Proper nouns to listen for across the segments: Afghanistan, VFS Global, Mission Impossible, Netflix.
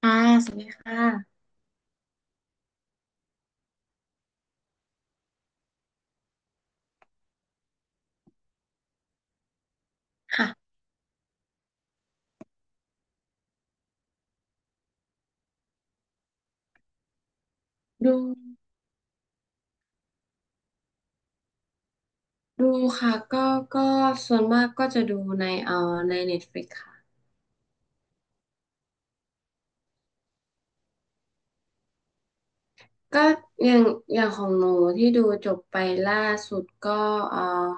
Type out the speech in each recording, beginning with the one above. ค่ะสวัสดีค่ะค่ะดูดูค่ะก็ส่วนมากก็จะดูในใน Netflix ค่ะ ก็อย่างอย่างของหนูที่ดูจบไปล่าสุดก็เอ่อ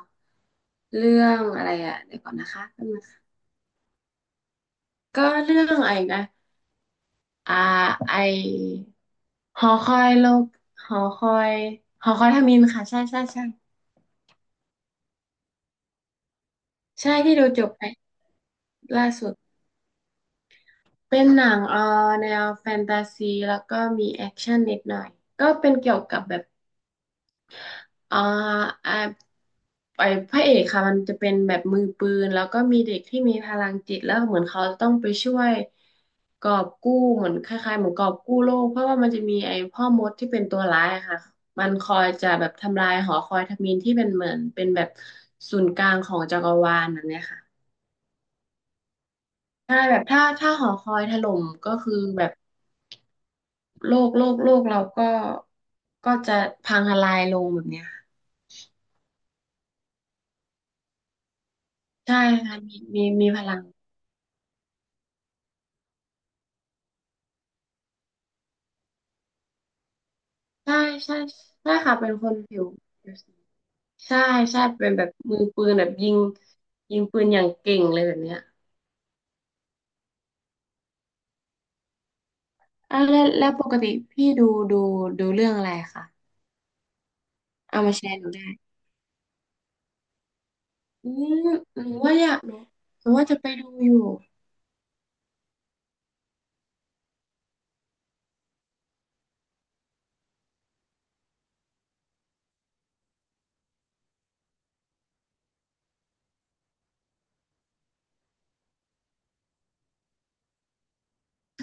เรื่องอะไรอ่ะเดี๋ยวก่อนนะคะแป๊บนึงค่ะก็เรื่องอะไรนะอ่าไอหอคอยโลกหอคอยหอคอยทมิฬค่ะ ใช่ใช่ใช่ใช่ที่ดูจบไปล่าสุด เป็นหนังแนวแฟนตาซีแล้วก็มีแอคชั่นนิดหน่อยก็เป็นเกี่ยวกับแบบเอ่ออ่าไอ้พระเอกค่ะมันจะเป็นแบบมือปืนแล้วก็มีเด็กที่มีพลังจิตแล้วเหมือนเขาจะต้องไปช่วยกอบกู้เหมือนคล้ายๆเหมือนกอบกู้โลกเพราะว่ามันจะมีไอ้พ่อมดที่เป็นตัวร้ายอะค่ะมันคอยจะแบบทำลายหอคอยทมิฬที่เป็นเหมือนเป็นแบบศูนย์กลางของจักรวาลแบบเนี้ยค่ะใช่แบบถ้าหอคอยถล่มก็คือแบบ โลกเราก็จะพังทลายลงแบบเนี้ยค่ะใช่ค่ะมีพลังใช่ใช่ใช่ค่ะเป็นคนผิวสีใช่ใช่เป็นแบบมือปืนแบบยิงปืนอย่างเก่งเลยแบบเนี้ยอ่ะแล้วปกติพี่ดูดูเรื่องอะไรคะเอามาแชร์หนูได้อืมหนูว่าอยากหนูหนูว่าจะไปดูอยู่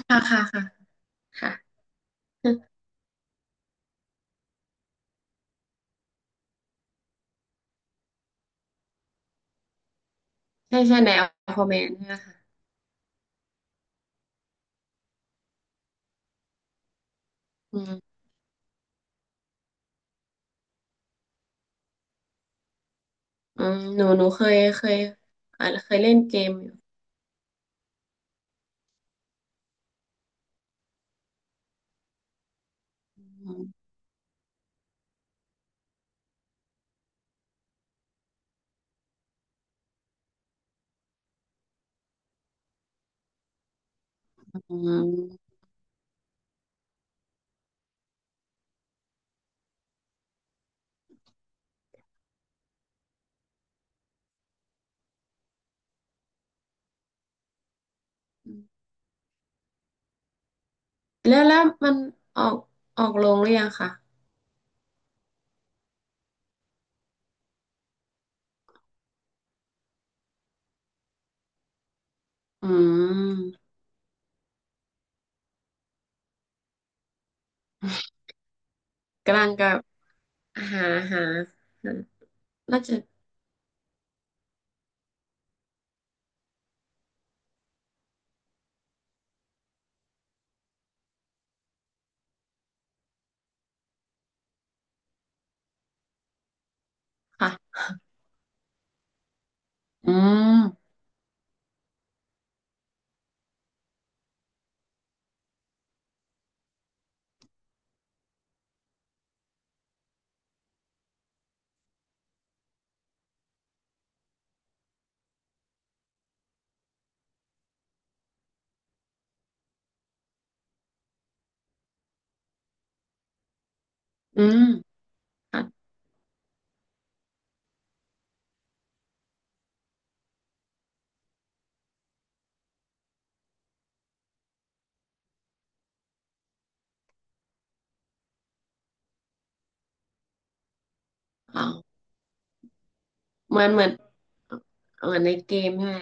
ค่ะค่ะค่ะค่ะใช่ใช่ในอัลฟอร์แมนใช่ไหมคะอืมอืมหนูเคยเล่นเกมอยู่ อืมแล้วมันออกออกลงหรือยังคะอืมกำลังกับหาหาหาน่าจะค่ะอืมอืมค่ะอ๋อเหมือนเหมือนเหมือนในเกมใช่ไหม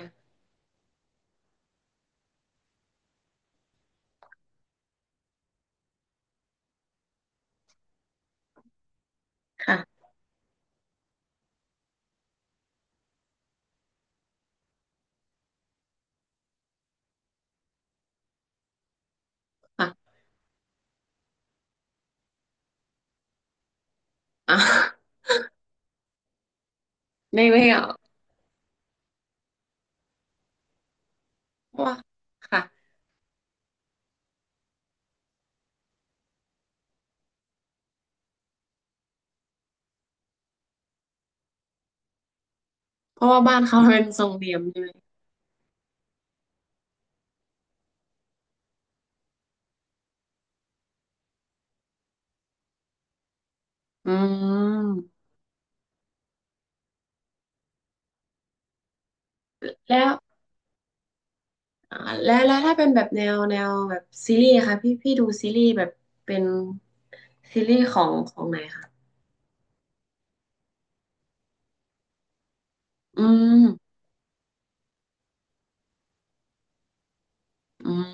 ค่ะค่ะอ่ะในไม่ออกเพราะว่าค่ะเพราะว่าบ้านเขาเป็นทรงเหลี่ยมใช่ไหมอืมแล้ว อ่าแล้วถ้าเป็นแบบแนวแบบซีรีส์อะค่ะพี่ดูซีรีส์แบบเป็นซีรีส์ของไหนคะอืมอืม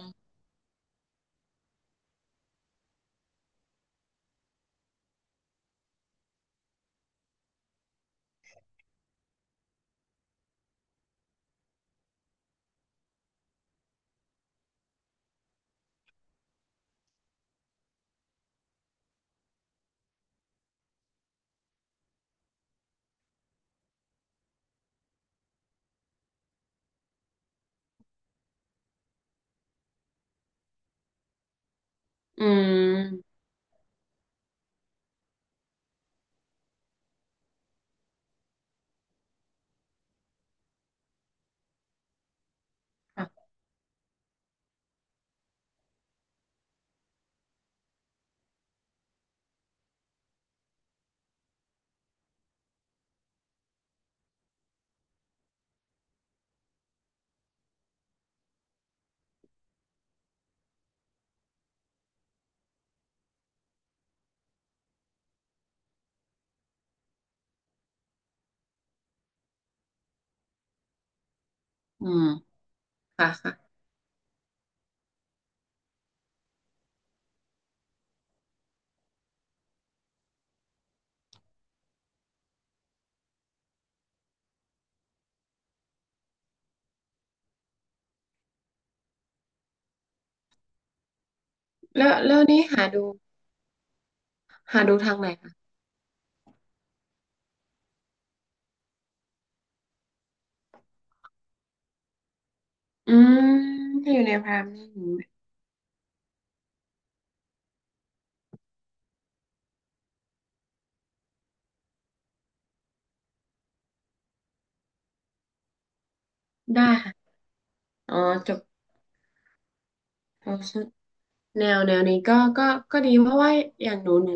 อืมค่ะอืมค่ะค่ะแล้วนี้หาดูทางไหนคะอืมถ้าอยู่ในพรามนี่ได้ค่ะอ๋อจบแนวนี้ก็ดีเพราะว่าอย่างหนู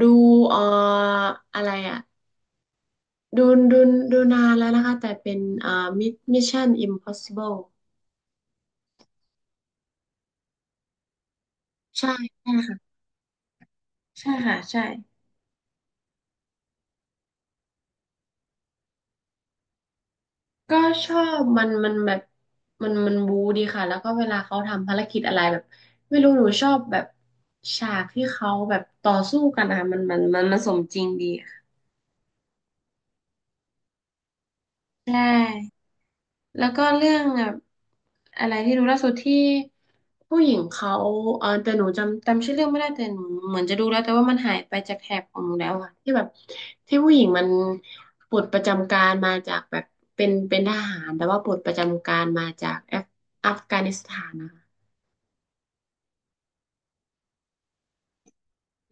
ดูเอ่ออะไรอ่ะดูดูดูนานแล้วนะคะแต่เป็นมิชชั่นอิมพอสซิเบิล ใช่ใช่ค่ะ ใช่ค่ะ ใช่ ก็ชอบมันแบบมันบู๊ดีค่ะ แล้วก็เวลาเขาทำภารกิจอะไรแบบไม่รู้หนูชอบแบบฉากที่เขาแบบต่อสู้กันนะคะมันสมจริงดีค่ะ ใช่ แล้วก็เรื่องแบบอะไรที่ดูล่าสุดที่ผู้หญิงเขาแต่หนูจำชื่อเรื่องไม่ได้แต่หนูเหมือนจะดูแล้วแต่ว่ามันหายไปจากแถบของหนูแล้วอะที่แบบที่ผู้หญิงมันปลดประจำการมาจากแบบเป็นทหารแต่ว่าปลดประจำการมาจากแอฟอัฟกานิสถานนะคะ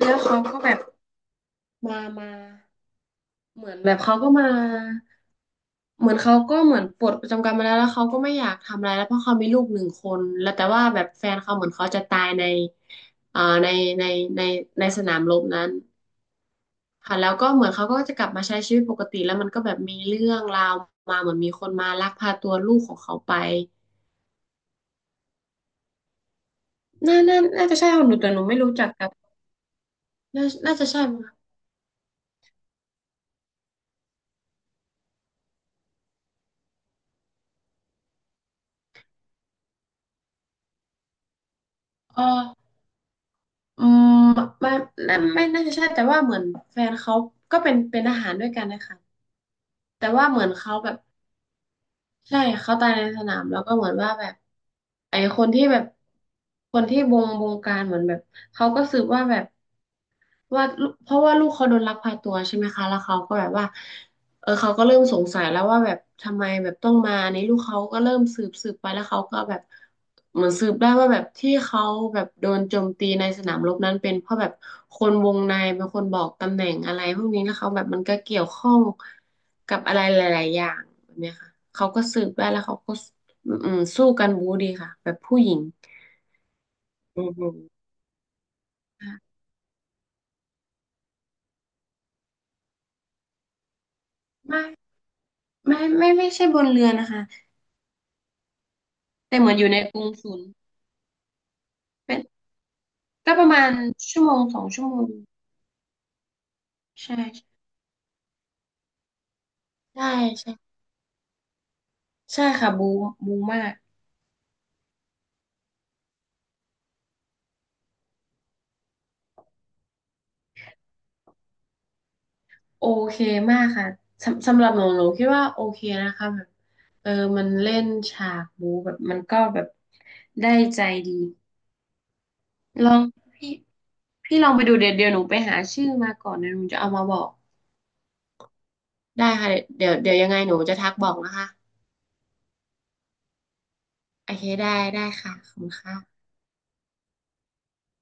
แล้วเขาก็แบบมาเหมือนแบบเขาก็มา เหมือนเขาก็เหมือนปลดประจำการมาแล้วเขาก็ไม่อยากทำอะไรแล้วเพราะเขามีลูกหนึ่งคนแล้วแต่ว่าแบบแฟนเขาเหมือนเขาจะตายในอ่าในในในในสนามรบนั้นค่ะแล้วก็เหมือนเขาก็จะกลับมาใช้ชีวิตปกติแล้วมันก็แบบมีเรื่องราวมาเหมือนมีคนมาลักพาตัวลูกของเขาไปน่าจะใช่ของหนูแต่หนูไม่รู้จักกับน่าจะใช่มั้งคะเอออืมไม่ไม่น่าจะใช่แต่ว่าเหมือนแฟนเขาก็เป็นทหารด้วยกันนะคะแต่ว่าเหมือนเขาแบบ ใช่เขาตายในสนามแล้วก็เหมือนว่าแบบไอ้คนที่แบบคนที่บงการเหมือนแบบเขาก็สืบว่าแบบ ว่าลูกเพราะว่าลูกเขาโดนลักพาตัวใช่ไหมคะแล้วเขาก็แบบว่าเขาก็เริ่มสงสัยแล้วว่าแบบทำไมแบบต้องมาอันนี้ลูกเขาก็เริ่มสืบไปแล้วเขาก็แบบเหมือนสืบได้ว่าแบบที่เขาแบบโดนโจมตีในสนามรบนั้นเป็นเพราะแบบคนวงในเป็นคนบอกตำแหน่งอะไรพวกนี้แล้วเขาแบบมันก็เกี่ยวข้องกับอะไรหลายๆอย่างแบบเนี้ยค่ะเขาก็สืบได้แล้วเขาก็สู้กันบู๊ดีค่ะแบบผู้หญิงอืมไม่ไม่ใช่บนเรือนะคะ แต่เหมือนอยู่ในกรุงศูนย์เป็นก็ประมาณชั่วโมง2 ชั่วโมงใช่ใช่ใช่ใช่ค่ะบูมากโอเคมากค่ะสำหรับหนูคิดว่าโอเคนะคะแบบเออมันเล่นฉากบูแบบมันก็แบบได้ใจดีลองพี่พี่ลองไปดูเดี๋ยวเดี๋ยวหนูไปหาชื่อมาก่อนเดี๋ยวหนูจะเอามาบอกได้ค่ะเดี๋ยวเดี๋ยวยังไงหนูจะทักบอกนะคะโอเคได้ได้ค่ะขอบคุณค่ะ